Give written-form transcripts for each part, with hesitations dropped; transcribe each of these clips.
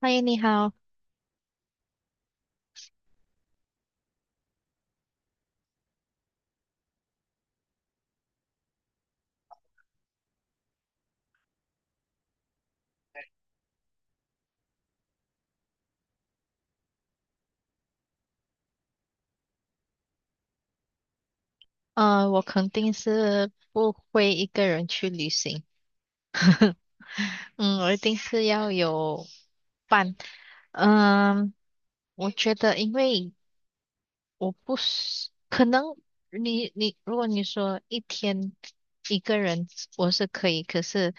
嗨，你好，我肯定是不会一个人去旅行，嗯，我一定是要有伴，嗯，我觉得因为我不是，可能你如果你说一天一个人我是可以，可是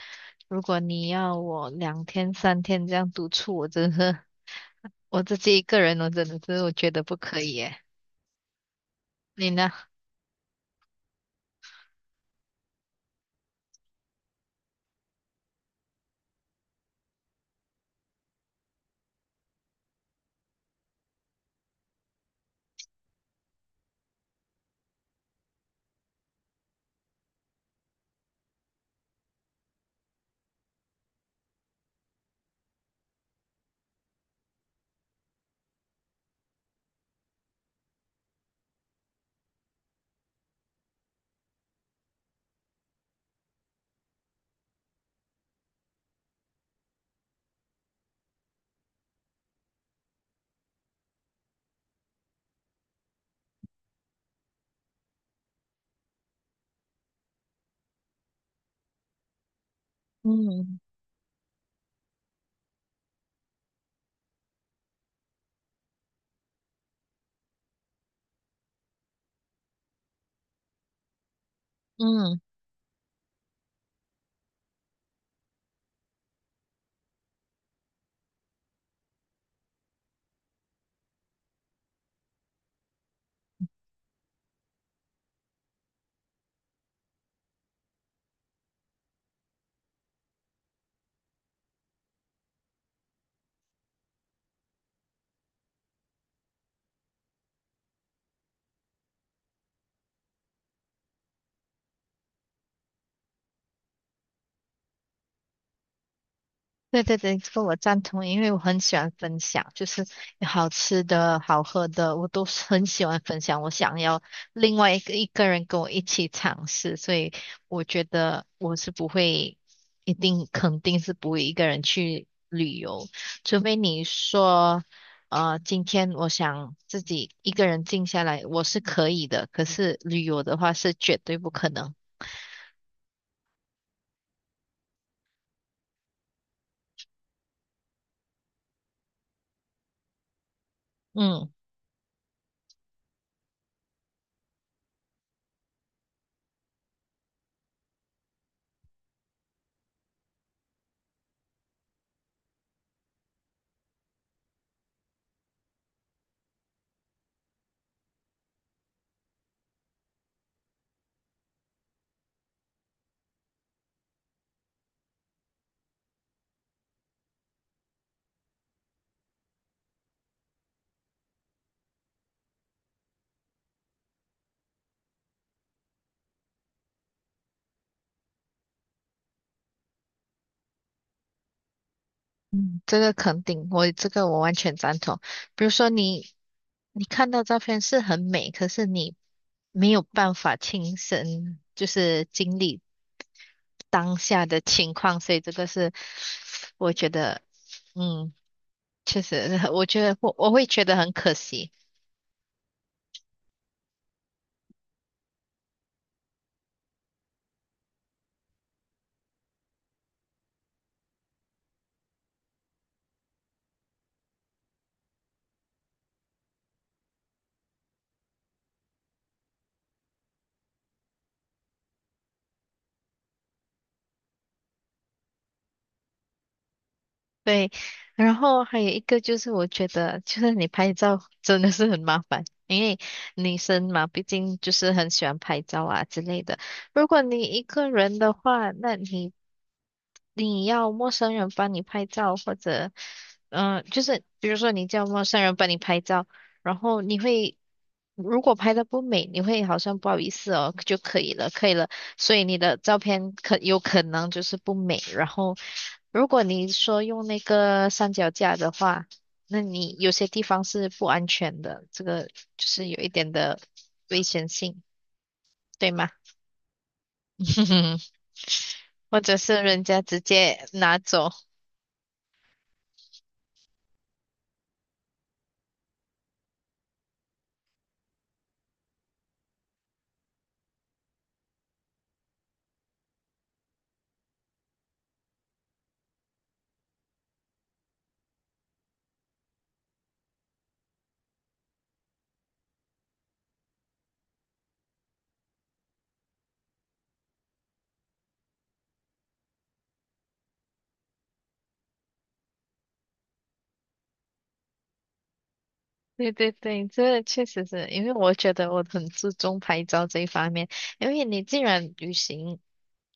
如果你要我两天三天这样独处，我真是我自己一个人，我真的是我觉得不可以耶，你呢？嗯。嗯，对对对，这个我赞同，因为我很喜欢分享，就是有好吃的、好喝的，我都是很喜欢分享。我想要另外一个人跟我一起尝试，所以我觉得我是不会，一定肯定是不会一个人去旅游，除非你说，今天我想自己一个人静下来，我是可以的，可是旅游的话是绝对不可能。嗯，这个肯定，我这个我完全赞同。比如说你。你看到照片是很美，可是你没有办法亲身就是经历当下的情况，所以这个是我觉得，嗯，确实，我觉得我会觉得很可惜。对，然后还有一个就是我觉得，就是你拍照 真的是很麻烦，因为女生嘛，毕竟就是很喜欢拍照啊之类的。如果你一个人的话，那你你要陌生人帮你拍照，或者，嗯、就是比如说你叫陌生人帮你拍照，然后你会，如果拍的不美，你会好像不好意思哦，就可以了，可以了。所以你的照片可有可能就是不美。然后，如果你说用那个三脚架的话，那你有些地方是不安全的，这个就是有一点的危险性，对吗？或者是人家直接拿走。对对对，这确实是因为我觉得我很注重拍照这一方面，因为你既然旅行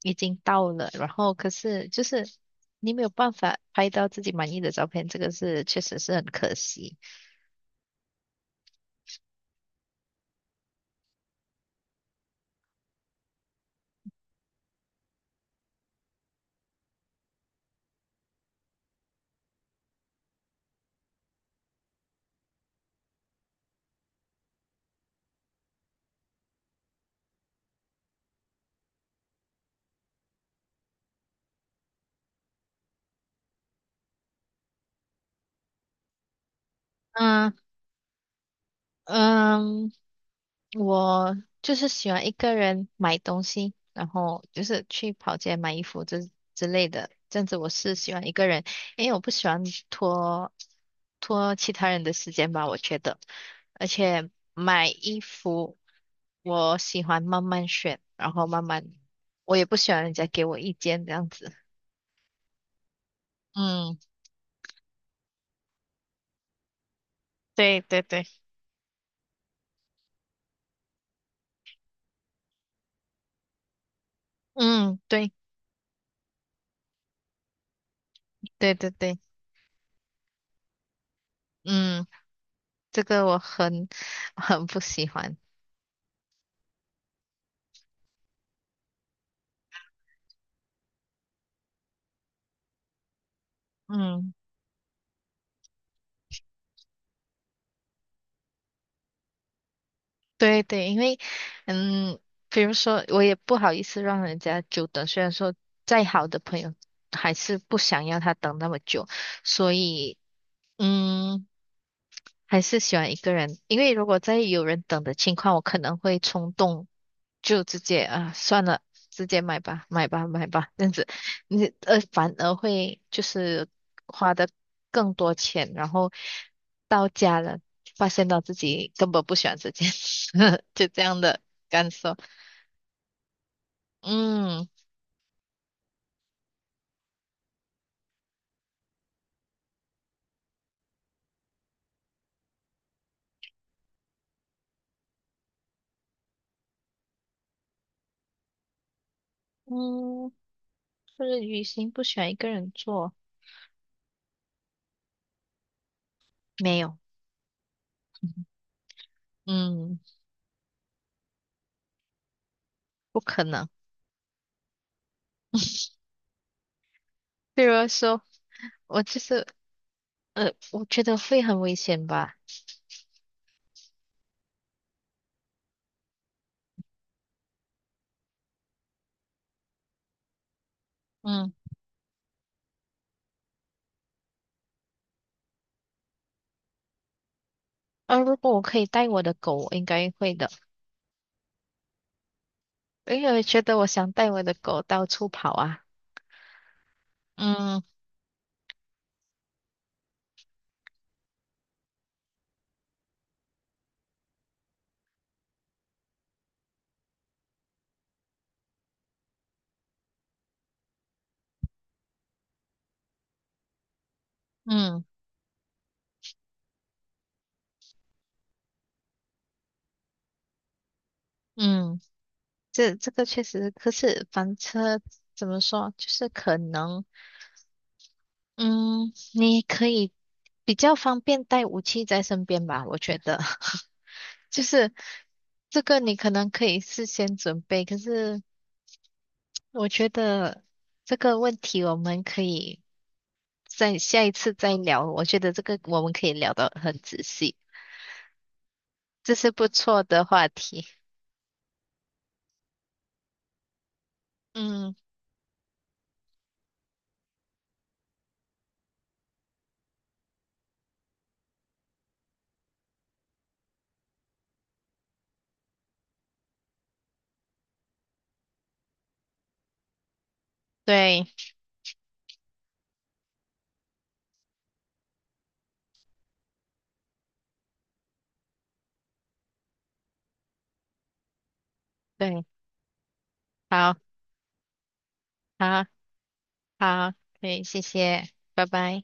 已经到了，然后可是就是你没有办法拍到自己满意的照片，这个是确实是很可惜。嗯嗯，我就是喜欢一个人买东西，然后就是去跑街买衣服之类的，这样子我是喜欢一个人，因为我不喜欢拖。拖其他人的时间吧，我觉得。而且买衣服，我喜欢慢慢选，然后慢慢，我也不喜欢人家给我意见这样子。嗯，对对对，嗯，对，对对对，嗯，这个我很很不喜欢。嗯，对对，因为嗯，比如说，我也不好意思让人家久等，虽然说再好的朋友还是不想要他等那么久，所以，嗯。还是喜欢一个人，因为如果在有人等的情况，我可能会冲动，就直接啊算了，直接买吧，买吧，买吧，这样子，你反而会就是花的更多钱，然后到家了，发现到自己根本不喜欢这件事，就这样的感受。嗯嗯，就是旅行不喜欢一个人做，没有，嗯，不可能。比如说，我就是我觉得会很危险吧。嗯，如果我可以带我的狗，我应该会的，因为我觉得我想带我的狗到处跑啊。嗯嗯嗯，这个确实，可是房车怎么说，就是可能，嗯，你可以比较方便带武器在身边吧，我觉得，就是这个你可能可以事先准备，可是我觉得这个问题我们可以在下一次再聊，我觉得这个我们可以聊得很仔细。这是不错的话题。嗯，对对，好，好，好，可以，谢谢，拜拜。